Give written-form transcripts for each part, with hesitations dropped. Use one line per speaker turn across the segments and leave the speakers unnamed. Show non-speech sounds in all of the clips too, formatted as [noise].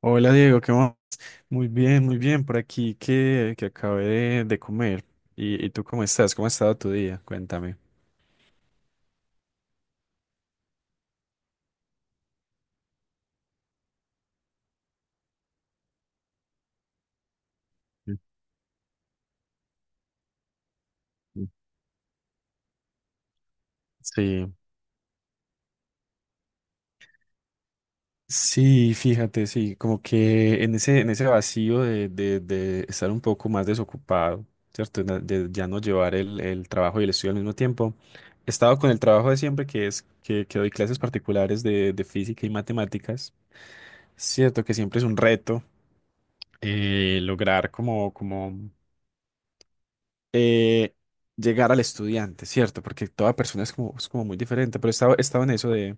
Hola Diego, ¿qué más? Muy bien, por aquí que acabé de comer. ¿Y tú cómo estás? ¿Cómo ha estado tu día? Cuéntame. Ujú. Sí. Sí, fíjate, sí, como que en ese vacío de estar un poco más desocupado, ¿cierto? De ya no llevar el trabajo y el estudio al mismo tiempo. He estado con el trabajo de siempre, que es que doy clases particulares de física y matemáticas. Cierto que siempre es un reto lograr como eh, llegar al estudiante, ¿cierto? Porque toda persona es como muy diferente, pero estaba en eso de,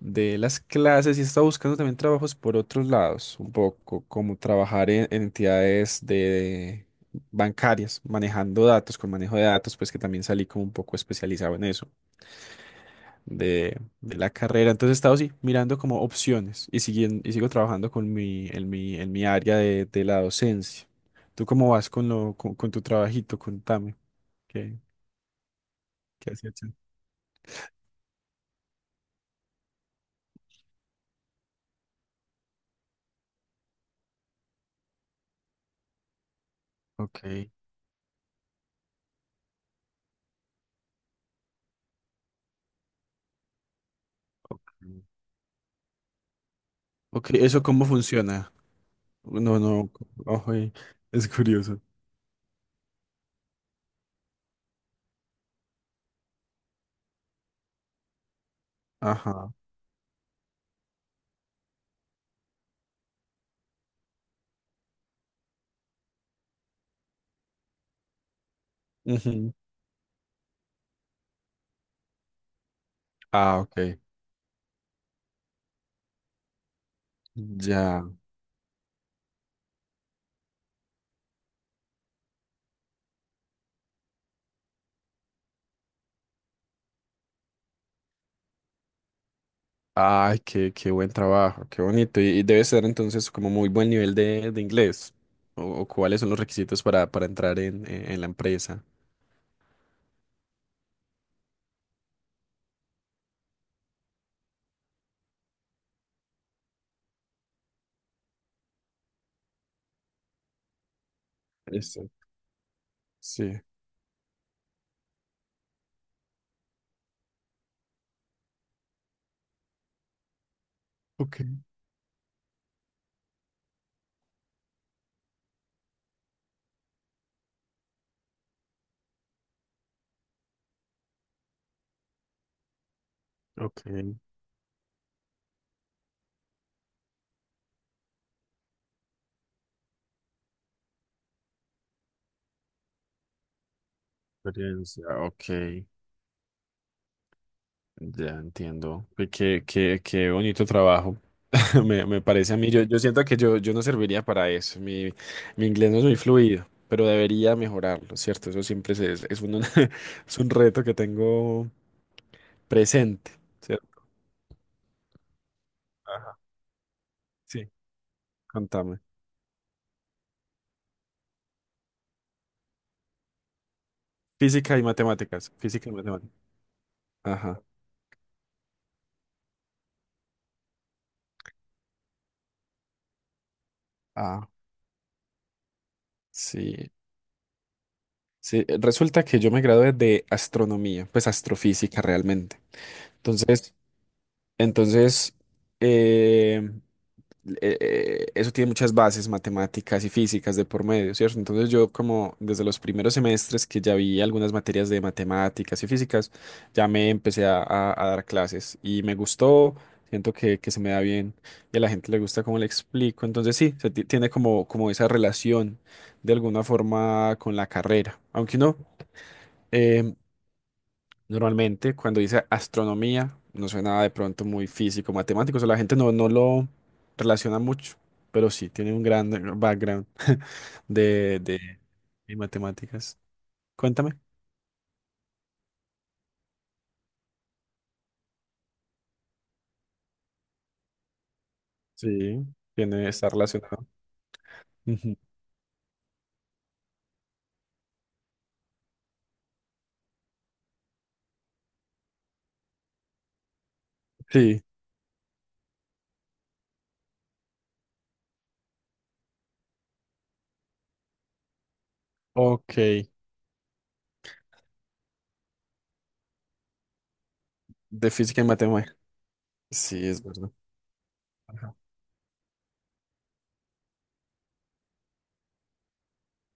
de las clases y estaba buscando también trabajos por otros lados, un poco, como trabajar en entidades de bancarias, manejando datos, con manejo de datos, pues que también salí como un poco especializado en eso de la carrera. Entonces he estado así, mirando como opciones y, siguiendo, y sigo trabajando con mi, en mi, en mi área de la docencia. ¿Tú cómo vas con tu trabajito? Contame. Ok. ¿Qué hacía hecho? Ok, ok. Ok, ¿eso cómo funciona? No, no, ojo, es curioso. Ajá. Ujú. Ah, ok. Ya. Ay, qué buen trabajo, qué bonito. Y debe ser entonces como muy buen nivel de inglés. O cuáles son los requisitos para entrar en la empresa. Eso. Sí. Ok. Ok. Experiencia. Ok. Ya entiendo. Qué bonito trabajo. [laughs] Me parece a mí, yo siento que yo no serviría para eso. Mi inglés no es muy fluido, pero debería mejorarlo, ¿cierto? Eso siempre es un, [laughs] es un reto que tengo presente, ¿cierto? Ajá. Sí, contame. Física y matemáticas. Física y matemáticas. Ajá. Ah, sí. Sí, resulta que yo me gradué de astronomía, pues astrofísica realmente. Entonces, entonces, em, eso tiene muchas bases matemáticas y físicas de por medio, ¿cierto? Entonces yo como desde los primeros semestres que ya vi algunas materias de matemáticas y físicas, ya me empecé a dar clases y me gustó, siento que se me da bien y a la gente le gusta cómo le explico, entonces sí, se tiene como esa relación de alguna forma con la carrera, aunque no. em, Normalmente, cuando dice astronomía, no suena de pronto muy físico, matemático, o sea, la gente no, no lo relaciona mucho, pero sí, tiene un gran background [laughs] de, de, de matemáticas. Cuéntame. Sí, tiene, está relacionado. Ujú. Sí, ok, de física y matemática. Sí, es verdad.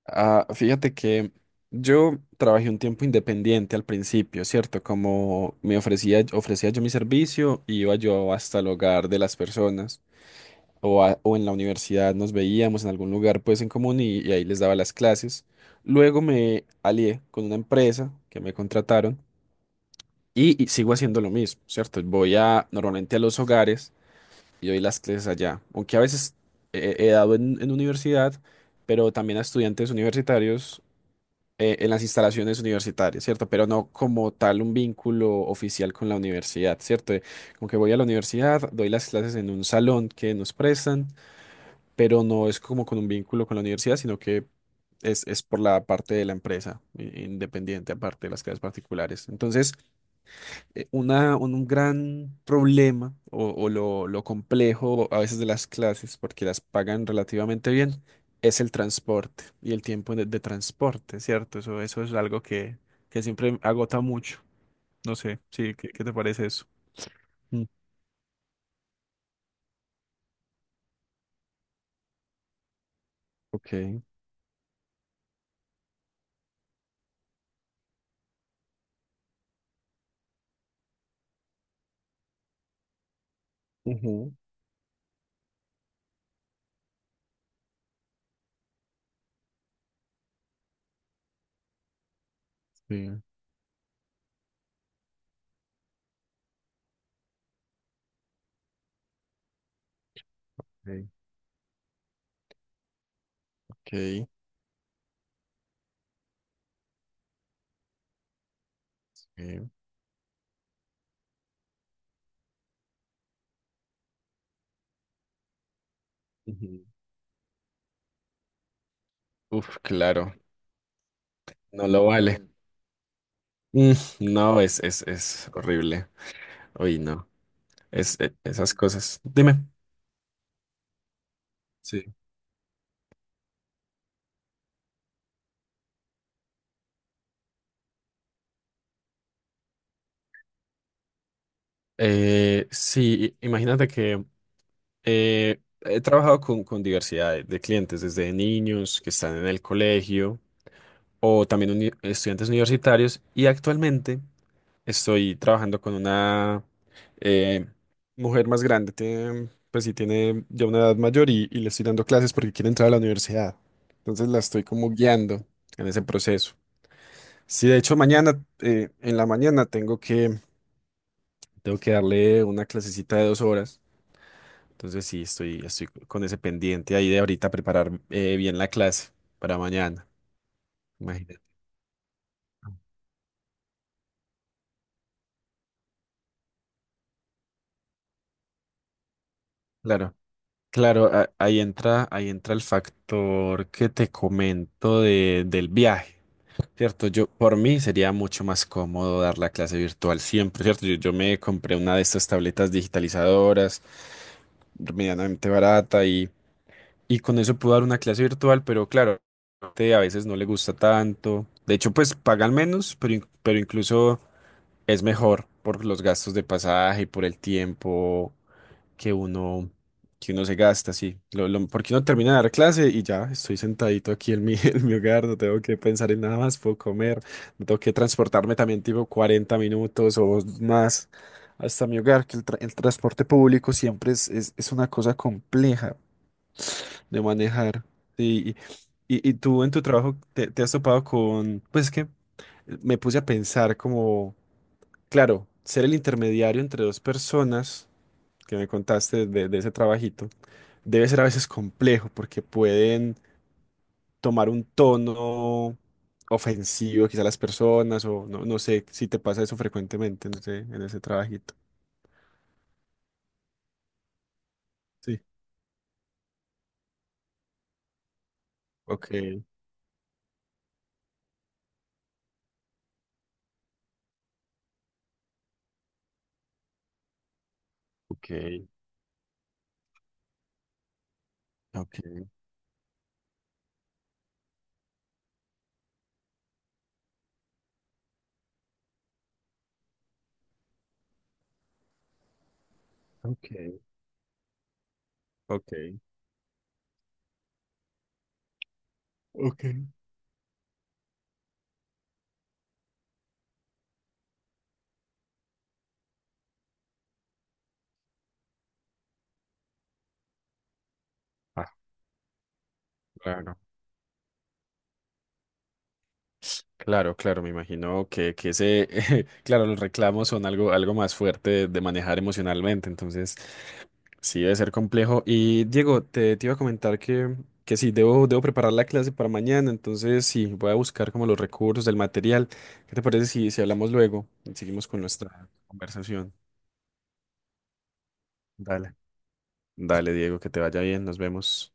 Ah, fíjate que yo trabajé un tiempo independiente al principio, ¿cierto? Como me ofrecía yo mi servicio, iba yo hasta el hogar de las personas o en la universidad nos veíamos en algún lugar pues en común y ahí les daba las clases. Luego me alié con una empresa que me contrataron y sigo haciendo lo mismo, ¿cierto? Voy a normalmente a los hogares y doy las clases allá, aunque a veces he dado en universidad, pero también a estudiantes universitarios en las instalaciones universitarias, ¿cierto? Pero no como tal un vínculo oficial con la universidad, ¿cierto? Como que voy a la universidad, doy las clases en un salón que nos prestan, pero no es como con un vínculo con la universidad, sino que es por la parte de la empresa, independiente, aparte de las clases particulares. Entonces, un gran problema o lo complejo a veces de las clases, porque las pagan relativamente bien, es el transporte y el tiempo de transporte, ¿cierto? Eso es algo que siempre agota mucho. No sé, sí, ¿qué te parece eso? Mm. Ok. Ujú, sí. Sí, ok. Sí. Ujú. Uf, claro. No lo vale. Mm, no, es horrible. Uy, no. Esas cosas. Dime. Sí, imagínate que he trabajado con diversidad de clientes, desde niños que están en el colegio o también estudiantes universitarios y actualmente estoy trabajando con una eh, mujer más grande, tiene, pues sí, tiene ya una edad mayor y le estoy dando clases porque quiere entrar a la universidad. Entonces la estoy como guiando en ese proceso. Sí, de hecho mañana, en la mañana tengo que darle una clasecita de 2 horas. Entonces sí, estoy con ese pendiente ahí de ahorita preparar bien la clase para mañana. Imagínate. Claro, claro, ahí entra el factor que te comento del viaje, ¿cierto? Yo, por mí sería mucho más cómodo dar la clase virtual siempre, ¿cierto? Yo me compré una de estas tabletas digitalizadoras, medianamente barata y con eso puedo dar una clase virtual, pero claro, a veces no le gusta tanto. De hecho, pues pagan menos, pero incluso es mejor por los gastos de pasaje y por el tiempo que uno, que uno se gasta, sí. Porque uno termina de dar clase y ya estoy sentadito aquí en mi, [laughs] en mi hogar, no tengo que pensar en nada más, puedo comer, no tengo que transportarme también tipo 40 minutos o más hasta mi hogar, que el transporte público siempre es una cosa compleja de manejar. Sí, y tú en tu trabajo te has topado con, pues es que me puse a pensar como. Claro, ser el intermediario entre dos personas que me contaste de ese trabajito debe ser a veces complejo porque pueden tomar un tono ofensivo quizá a las personas o no, no sé si te pasa eso frecuentemente en ese trabajito. Sí. Ok, ok, ok, ok, ok, ok. Ah, claro. Claro, claro, me imagino que ese, [laughs] claro, los reclamos son algo más fuerte de manejar emocionalmente, entonces. Sí, debe ser complejo. Y Diego, te iba a comentar que sí, debo preparar la clase para mañana, entonces sí, voy a buscar como los recursos, el material. ¿Qué te parece si, si hablamos luego y seguimos con nuestra conversación? Dale. Dale, Diego, que te vaya bien, nos vemos.